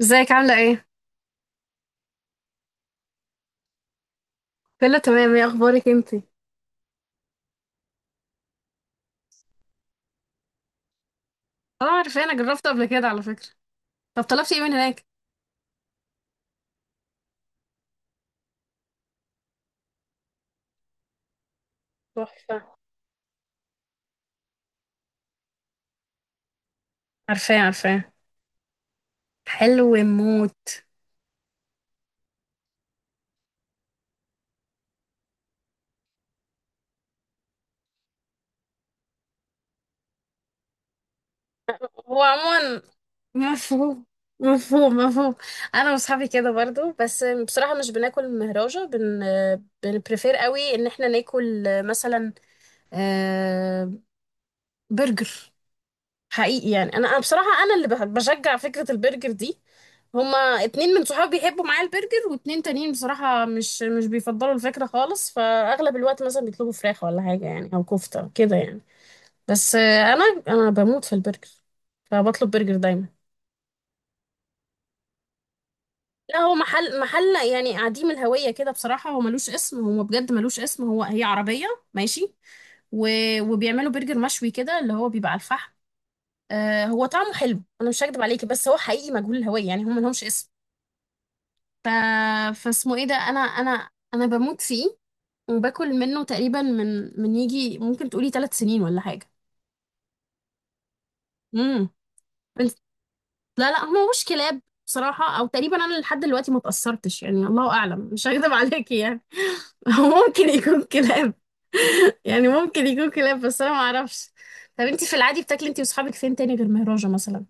ازيك عاملة ايه؟ كله تمام، ايه اخبارك انتي؟ اه، عارفاه. انا جربته قبل كده على فكرة. طب طلبتي ايه من هناك؟ تحفة. عارفاه، عارفاه. حلو موت. هو عموما مفهوم. مفهوم، مفهوم. انا واصحابي كده برضو، بس بصراحة مش بناكل مهراجة بن. بنبريفير قوي ان احنا ناكل مثلا آه، برجر. حقيقي يعني انا، أنا بصراحة انا اللي بشجع فكرة البرجر دي. هما اتنين من صحابي بيحبوا معايا البرجر، واتنين تانيين بصراحة مش بيفضلوا الفكرة خالص، فأغلب الوقت مثلا بيطلبوا فراخ ولا حاجة يعني، أو كفتة كده يعني. بس أنا بموت في البرجر، فبطلب برجر دايما. لا، هو محل يعني عديم الهوية كده، بصراحة هو ملوش اسم، هو بجد ملوش اسم، هو هي عربية ماشي. و... وبيعملوا برجر مشوي كده، اللي هو بيبقى على الفحم. آه، هو طعمه حلو، أنا مش هكدب عليكي، بس هو حقيقي مجهول الهوية يعني، هم ملهمش اسم. ف... فاسمه ايه ده. انا بموت فيه، وباكل منه تقريبا من يجي ممكن تقولي 3 سنين ولا حاجه. امم بس- لا لا، هو مش كلاب. بصراحه او تقريبا انا لحد دلوقتي ما اتاثرتش، يعني الله اعلم، مش هكذب عليكي يعني. هو ممكن يكون كلاب يعني ممكن يكون كلاب، بس انا ما اعرفش. طب انت في العادي بتاكلي انت واصحابك فين تاني غير مهراجة مثلا؟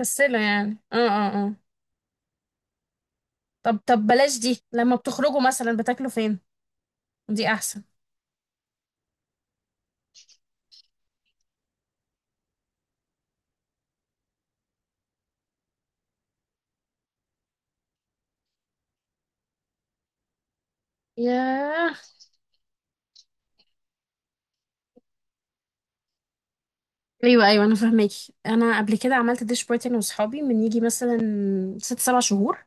مكسله يعني، اه اه اه. طب بلاش دي، لما بتخرجوا مثلا بتاكلوا فين؟ دي احسن. ياه. ايوه ايوه، انا فاهماكي. انا قبل كده عملت ديش بارتي انا واصحابي من يجي مثلا ست سبع شهور.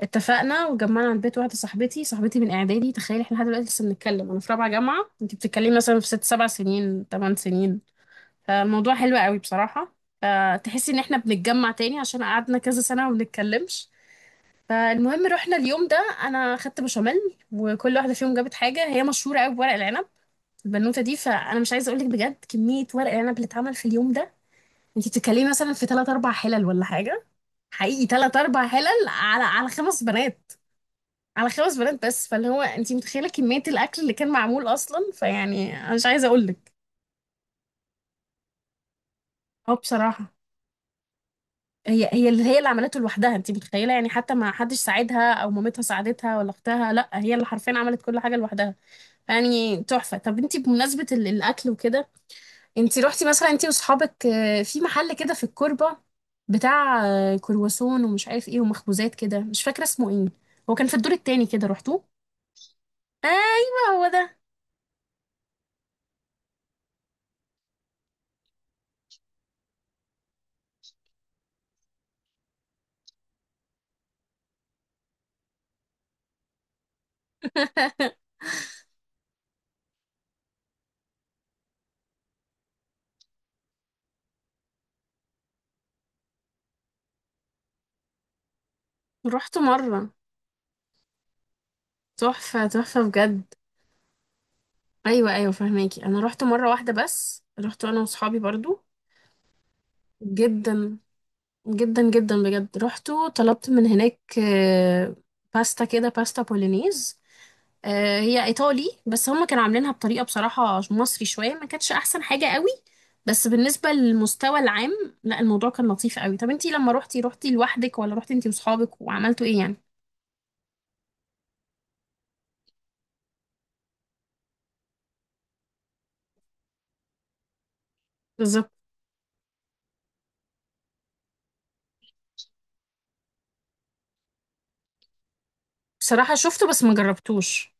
اتفقنا وجمعنا عند بيت واحده صاحبتي من اعدادي. تخيلي احنا لحد دلوقتي لسه بنتكلم، انا في رابعه جامعه، انت بتتكلمي مثلا في ست سبع سنين، ثمان سنين. فالموضوع حلو قوي بصراحه. فتحسي ان احنا بنتجمع تاني، عشان قعدنا كذا سنه وما بنتكلمش. فالمهم رحنا اليوم ده، انا خدت بشاميل، وكل واحده فيهم جابت حاجه. هي مشهوره قوي بورق العنب البنوته دي، فانا مش عايزه اقول لك بجد كميه ورق العنب اللي اتعمل في اليوم ده. انت بتتكلمي مثلا في ثلاث اربع حلل ولا حاجه. حقيقي ثلاث اربع حلل على 5 بنات، على 5 بنات بس. فاللي هو انت متخيله كميه الاكل اللي كان معمول اصلا، فيعني انا مش عايزه اقول لك. اه، بصراحه هي اللي عملته لوحدها. انت متخيله يعني، حتى ما حدش ساعدها، او مامتها ساعدتها، ولا اختها. لا، هي اللي حرفيا عملت كل حاجه لوحدها، يعني تحفه. طب انت بمناسبه الاكل وكده، انتي روحتي مثلا انتي واصحابك في محل كده في الكوربة، بتاع كرواسون ومش عارف ايه، ومخبوزات كده، مش فاكرة اسمه ايه، هو كان في الدور التاني كده، روحتوه؟ ايوه، هو ده. روحته مرة. تحفة، تحفة بجد. ايوه ايوه، فهماكي، انا روحته مرة واحدة، بس روحته انا واصحابي برضو. جدا. جدا جدا بجد. روحته طلبت من هناك باستا كده، باستا بولينيز. هي ايطالي، بس هم كانوا عاملينها بطريقه بصراحه مصري شويه، ما كانتش احسن حاجه قوي. بس بالنسبه للمستوى العام، لا، الموضوع كان لطيف قوي. طب انتي لما روحتي لوحدك ولا روحتي انتي وصحابك، وعملتوا ايه يعني؟ بالظبط. بصراحه شفته بس ما جربتوش.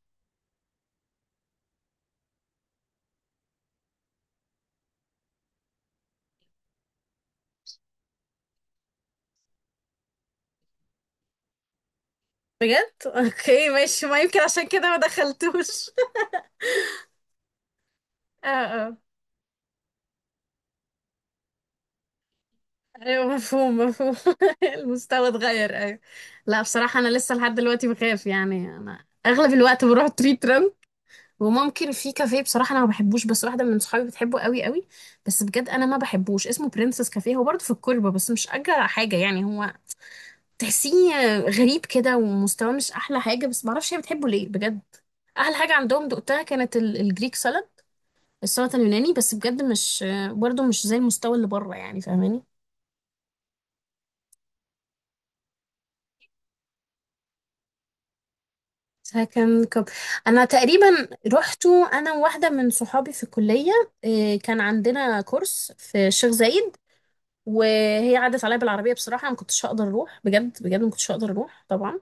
بجد، اوكي ماشي. ما يمكن عشان كده ما دخلتوش اه اه، ايوه مفهوم، مفهوم. المستوى اتغير، ايوه. لا بصراحة انا لسه لحد دلوقتي بخاف يعني، انا اغلب الوقت بروح تريت، وممكن في كافيه. بصراحة أنا ما بحبوش، بس واحدة من صحابي بتحبه قوي قوي، بس بجد أنا ما بحبوش. اسمه برنسس كافيه، هو برضه في الكوربة، بس مش أجرى حاجة يعني، هو تحسيه غريب كده، ومستواه مش أحلى حاجة، بس معرفش هي بتحبه ليه بجد. أحلى حاجة عندهم دقتها، كانت الجريك سالاد، السلطة اليوناني، بس بجد مش، برضه مش زي المستوى اللي بره يعني، فاهماني. فكان كب. أنا تقريبا رحته أنا وواحدة من صحابي في الكلية. كان عندنا كورس في الشيخ زايد، وهي عدت عليا بالعربيه. بصراحه ما كنتش هقدر اروح، بجد بجد ما كنتش هقدر اروح طبعا.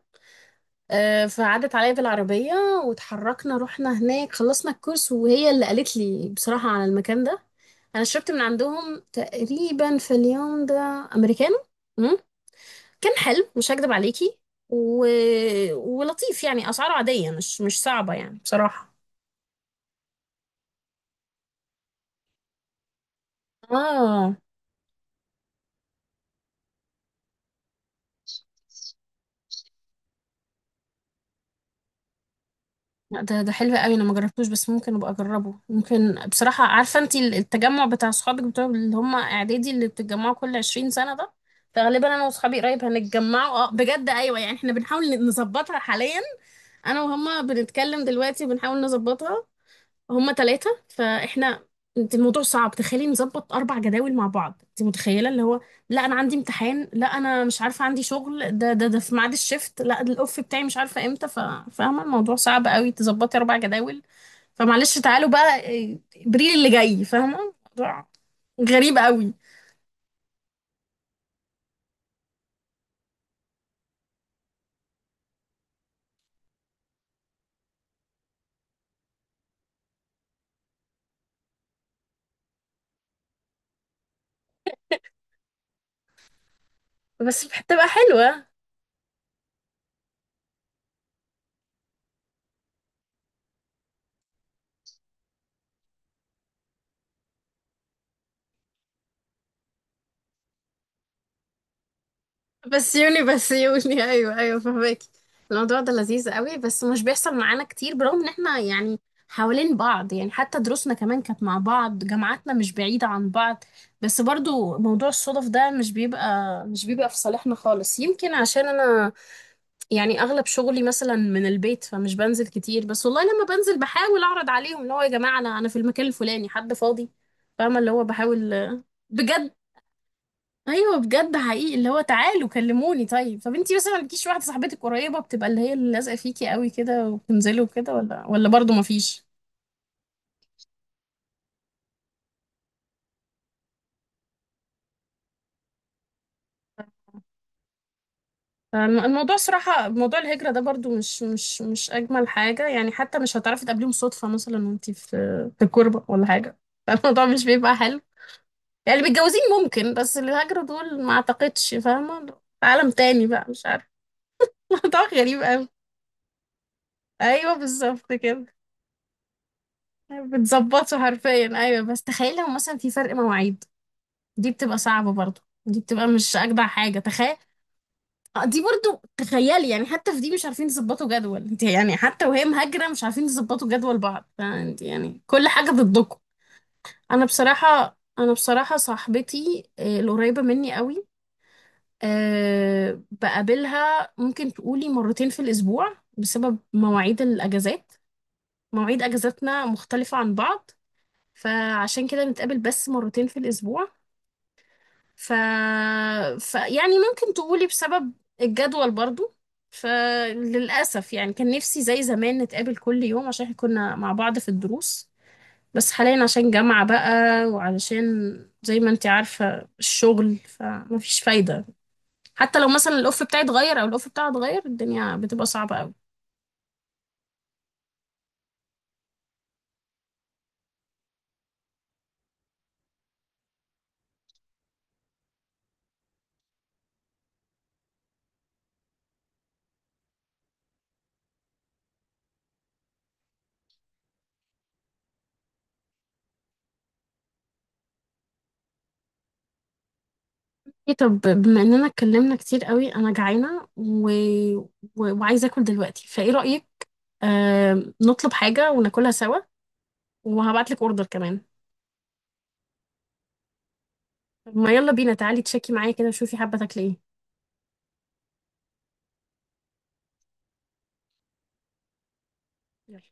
فعدت عليا بالعربيه، واتحركنا، رحنا هناك، خلصنا الكورس، وهي اللي قالت لي بصراحه على المكان ده. انا شربت من عندهم تقريبا في اليوم ده امريكانو، مم. كان حلو، مش هكدب عليكي. و... ولطيف يعني، اسعاره عاديه، مش صعبه يعني بصراحه. اه لا، ده حلو قوي. انا ما جربتوش بس ممكن ابقى اجربه، ممكن بصراحه. عارفه انت التجمع بتاع صحابك بتوع، اللي هم اعدادي، اللي بتتجمعوا كل 20 سنه ده؟ فغالبا انا واصحابي قريب هنتجمعوا، اه بجد، ايوه يعني احنا بنحاول نظبطها حاليا. انا وهما بنتكلم دلوقتي بنحاول نظبطها، هما ثلاثة فاحنا. انت الموضوع صعب، تخيلي نظبط 4 جداول مع بعض. انت متخيلة اللي هو، لا أنا عندي امتحان، لا أنا مش عارفة عندي شغل، ده في ميعاد الشفت، لا ده الأوف بتاعي، مش عارفة امتى. فاهمة، الموضوع صعب قوي تظبطي 4 جداول. فمعلش تعالوا بقى إبريل اللي جاي، فاهمة الموضوع غريب قوي. بس بتبقى حلوة. بسيوني، بسيوني ايوه ايوه، فهمك. الموضوع ده لذيذ قوي، بس مش بيحصل معانا كتير، برغم ان احنا يعني حوالين بعض يعني، حتى دروسنا كمان كانت مع بعض، جامعاتنا مش بعيدة عن بعض. بس برضو موضوع الصدف ده مش بيبقى في صالحنا خالص. يمكن عشان انا يعني اغلب شغلي مثلا من البيت، فمش بنزل كتير، بس والله لما بنزل بحاول اعرض عليهم، اللي هو يا جماعة انا في المكان الفلاني، حد فاضي؟ فاهمة اللي هو بحاول. بجد؟ ايوه بجد، حقيقي اللي هو تعالوا كلموني. طيب، انتي مثلا ما لكيش واحده صاحبتك قريبه، بتبقى اللي هي اللي لازقه فيكي قوي كده، وبتنزلوا كده؟ ولا برضو ما فيش؟ الموضوع صراحه، موضوع الهجره ده برضو مش اجمل حاجه يعني. حتى مش هتعرفي تقابليهم صدفه مثلا، وانتي في الكربه ولا حاجه فالموضوع مش بيبقى حلو، يعني متجوزين ممكن، بس اللي هاجروا دول ما اعتقدش، فاهمه، عالم تاني بقى مش عارفه الموضوع غريب قوي. ايوه بالظبط كده. بتظبطه حرفيا، ايوه. بس تخيل لو مثلا في فرق مواعيد، دي بتبقى صعبة برضو، دي بتبقى مش أجدع حاجة، تخيل. دي برضو تخيلي يعني، حتى في دي مش عارفين يظبطوا جدول. انت يعني حتى وهي مهاجرة مش عارفين يظبطوا جدول بعض، فانت يعني كل حاجة ضدكم. أنا بصراحة صاحبتي القريبة مني قوي، بقابلها ممكن تقولي مرتين في الأسبوع بسبب مواعيد الأجازات. مواعيد أجازاتنا مختلفة عن بعض، فعشان كده نتقابل بس مرتين في الأسبوع. ف... يعني ممكن تقولي بسبب الجدول برضو. فللأسف يعني، كان نفسي زي زمان نتقابل كل يوم، عشان احنا كنا مع بعض في الدروس، بس حاليا عشان جامعة بقى، وعلشان زي ما انتي عارفة الشغل، فمفيش فايدة. حتى لو مثلا الأوف بتاعي اتغير، أو الأوف بتاعها اتغير، الدنيا بتبقى صعبة قوي. ايه، طب بما اننا اتكلمنا كتير قوي، انا جعانة وعايزة اكل دلوقتي، فايه رأيك؟ نطلب حاجة وناكلها سوا، وهبعتلك اوردر كمان. طب ما يلا بينا، تعالي تشيكي معايا كده وشوفي حابة تاكلي ايه. يلا.